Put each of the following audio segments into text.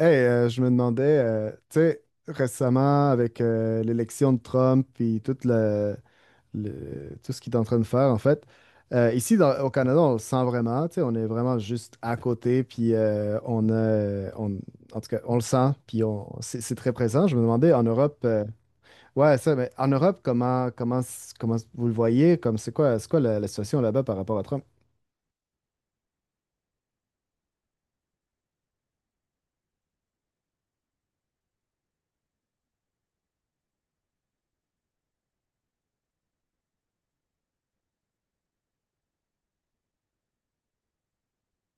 Hey, je me demandais, tu sais, récemment avec l'élection de Trump puis tout tout ce qu'il est en train de faire, en fait, ici au Canada, on le sent vraiment, tu sais, on est vraiment juste à côté, puis en tout cas, on le sent, puis c'est très présent. Je me demandais en Europe, ouais, ça, mais en Europe, comment vous le voyez, comme c'est quoi la situation là-bas par rapport à Trump?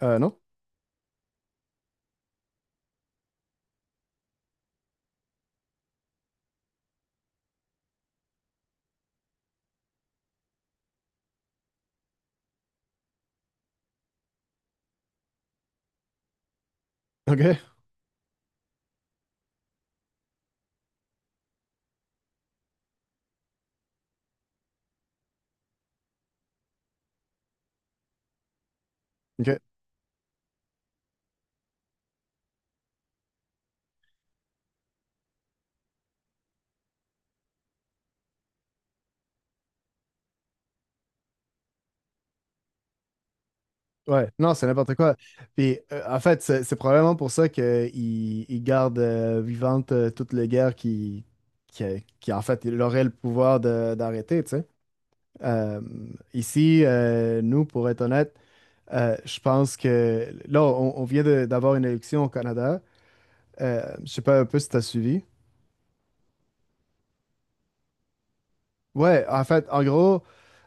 Non? Ok, ok. Ouais, non, c'est n'importe quoi. Puis, en fait, c'est probablement pour ça qu'ils ils gardent vivante toute la guerre qui, en fait, il aurait le pouvoir d'arrêter, tu sais. Euh, ici, nous, pour être honnête, je pense que là, on vient d'avoir une élection au Canada. Je sais pas un peu si t'as suivi. Ouais, en fait, en gros,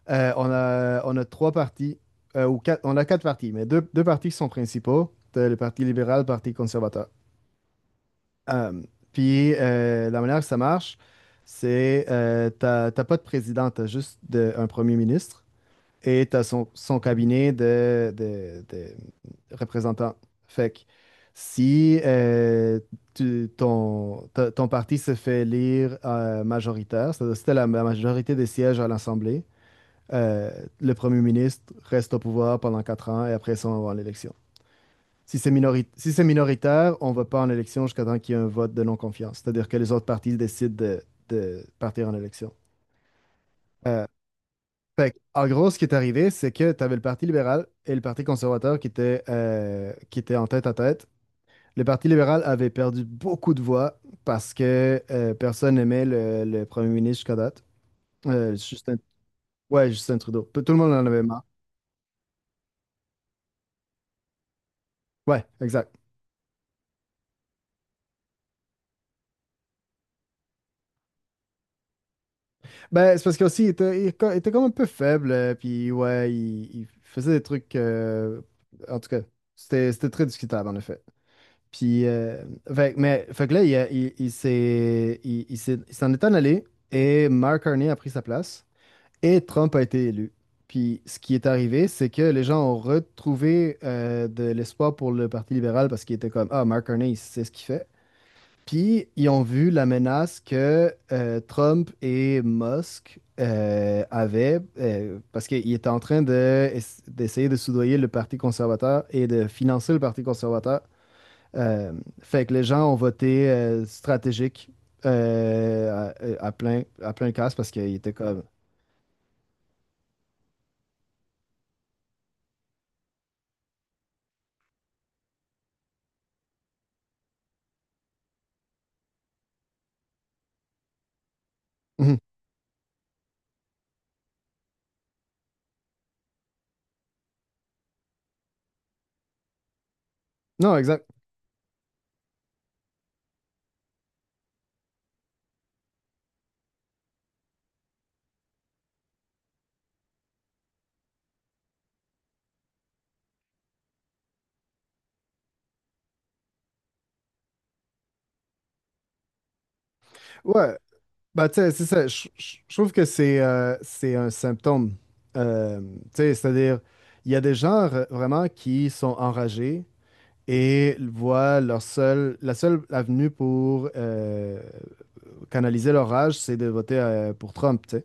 on a trois partis, ou quatre, on a quatre partis, mais deux partis qui sont principaux, t'as le Parti libéral, le Parti conservateur. Euh, puis la manière que ça marche, c'est t'as pas de président, t'as juste un premier ministre et t'as son cabinet de représentants. Fait que si ton parti se fait élire majoritaire, c'est-à-dire si t'as la majorité des sièges à l'Assemblée, euh, le premier ministre reste au pouvoir pendant 4 ans et après ça, on va à l'élection. Si c'est minoritaire, on va pas en élection jusqu'à temps qu'il y ait un vote de non-confiance, c'est-à-dire que les autres partis décident de partir en élection. Euh, fait que, en gros, ce qui est arrivé, c'est que tu avais le Parti libéral et le Parti conservateur qui étaient en tête à tête. Le Parti libéral avait perdu beaucoup de voix parce que personne n'aimait le premier ministre jusqu'à date. Euh, Justin, ouais, Justin Trudeau. Tout le monde en avait marre. Ouais, exact. Ben, c'est parce qu'aussi, il était comme un peu faible, puis ouais, il faisait des trucs. En tout cas, c'était très discutable, en effet. Puis, fait que là, il, a- il, il s'est, il s'est- il s'en est en allé, et Mark Carney a pris sa place, et Trump a été élu. Puis, ce qui est arrivé, c'est que les gens ont retrouvé de l'espoir pour le Parti libéral parce qu'ils étaient comme, ah, Mark Carney, il sait ce qu'il fait. Puis, ils ont vu la menace que Trump et Musk avaient, parce qu'ils étaient en train d'essayer de soudoyer le Parti conservateur et de financer le Parti conservateur. Euh, fait que les gens ont voté stratégique euh, à plein casse parce qu'ils étaient comme. Mhm. Non, exact. Ouais, bah, tu sais, c'est ça. Je trouve que c'est un symptôme. Tu sais, c'est-à-dire, il y a des gens vraiment qui sont enragés et voient la seule avenue pour canaliser leur rage, c'est de voter pour Trump, tu sais.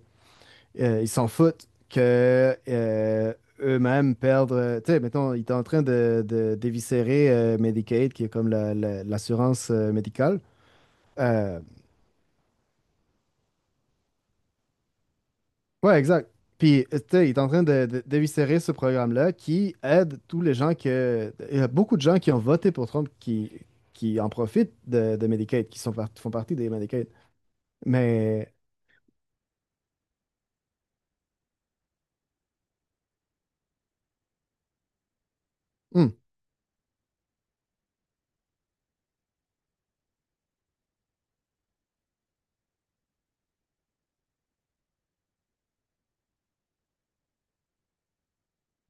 Ils s'en foutent que eux-mêmes perdent. Tu sais, mettons, ils étaient en train d'éviscérer Medicaid, qui est comme l'assurance médicale. Euh, Ouais, exact. Puis, tu sais, il est en train d'éviscérer ce programme-là qui aide tous les gens que. Il y a beaucoup de gens qui ont voté pour Trump qui en profitent de Medicaid, qui sont font partie des Medicaid. Mais. Hum,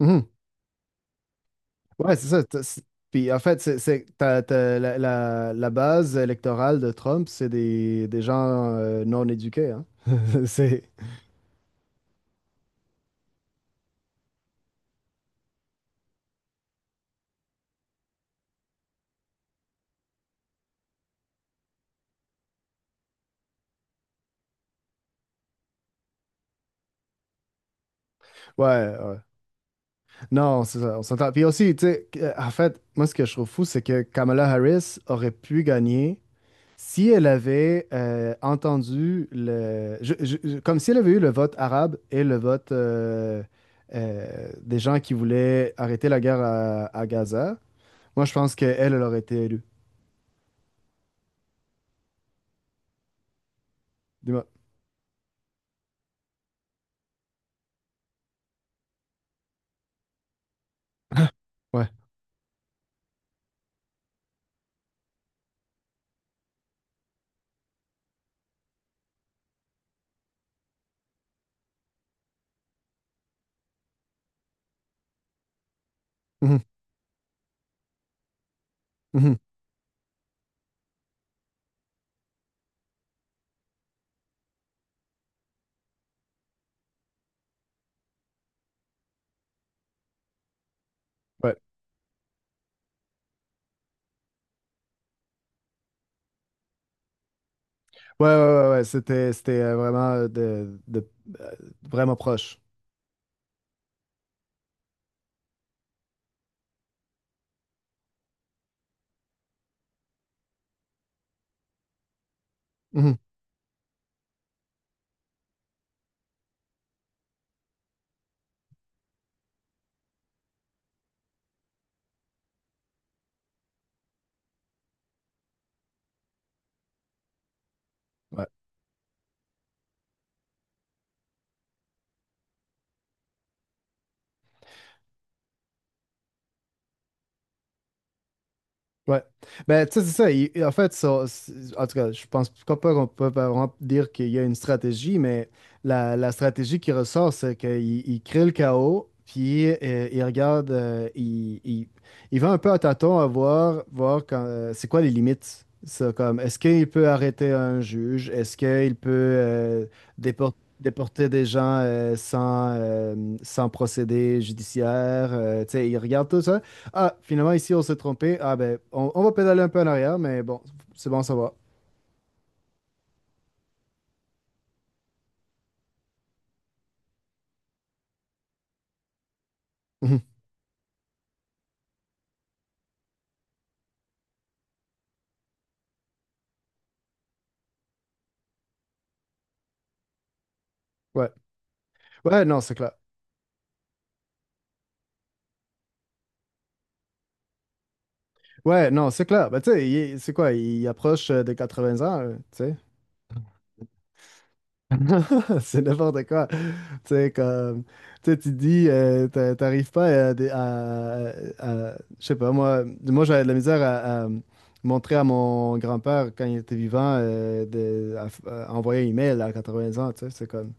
mhm. Ouais, c'est ça. Puis, en fait, t'as la base électorale de Trump, c'est des gens non éduqués. Hein? C'est. Ouais, ouais. Non, c'est ça, on s'entend. Puis aussi, tu sais, en fait, moi, ce que je trouve fou, c'est que Kamala Harris aurait pu gagner si elle avait entendu comme si elle avait eu le vote arabe et le vote des gens qui voulaient arrêter la guerre à Gaza, moi je pense qu'elle, elle elle aurait été élue. Dis-moi. Ouais. Mhm. Mhm. Ouais. Ouais, ouais, ouais, ouais. C'était euh, vraiment proche. Mhm. Ouais. Ouais. Ben, tu sais, c'est ça. En fait, en tout cas, je pense pas qu'on peut pas vraiment dire qu'il y a une stratégie, mais la stratégie qui ressort, c'est qu'il il crée le chaos, puis il regarde, il va un peu à tâtons à voir quand, c'est quoi les limites. Ça, comme, est-ce qu'il peut arrêter un juge? Est-ce qu'il peut dépor- déporter des gens sans, sans procédé judiciaire? Tu sais, il regarde tout ça. Ah, finalement, ici, on s'est trompé. Ah, ben, on va pédaler un peu en arrière, mais bon, c'est bon, ça va. Mhm. Ouais. Ouais, non, c'est clair. Ouais, non, c'est clair. Ben, tu sais, c'est quoi? Il approche des 20 ans, tu sais. C'est n'importe quoi. Tu sais, comme, tu sais, tu te dis, t'arrives pas à, des- à- je sais pas, moi j'avais de la misère à montrer à mon grand-père quand il était vivant, à envoyer un email à 80 ans, tu sais, c'est comme,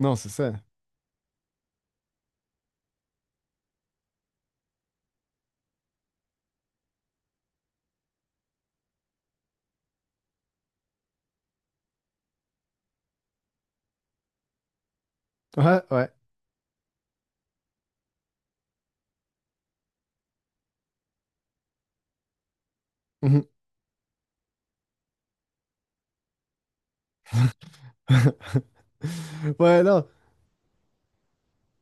non, c'est ça. Ouais, ouais. Ouais, non.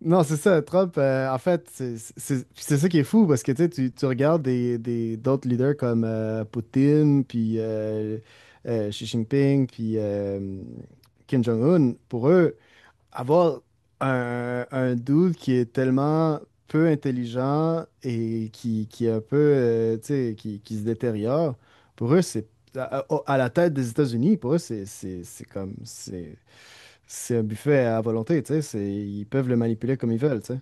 Non, c'est ça. Trump, en fait, puis c'est ça qui est fou parce que tu sais, tu regardes d'autres leaders comme Poutine, puis Xi Jinping, puis Kim Jong-un. Pour eux, avoir un dude qui est tellement peu intelligent et qui est un peu, tu sais, qui se détériore, pour eux, c'est à la tête des États-Unis, pour eux, c'est comme, c'est un buffet à volonté, tu sais. Ils peuvent le manipuler comme ils veulent, tu sais.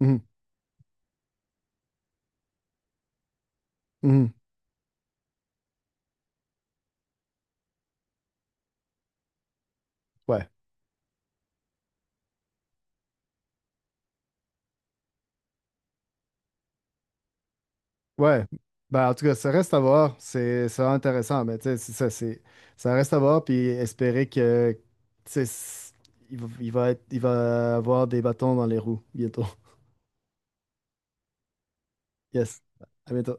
Mhm, mhm, Ouais. Ouais. Ben, en tout cas, ça reste à voir. C'est vraiment intéressant, mais tu sais, c'est ça, ça reste à voir, puis espérer que, tu sais, il va avoir des bâtons dans les roues bientôt. Yes. À bientôt.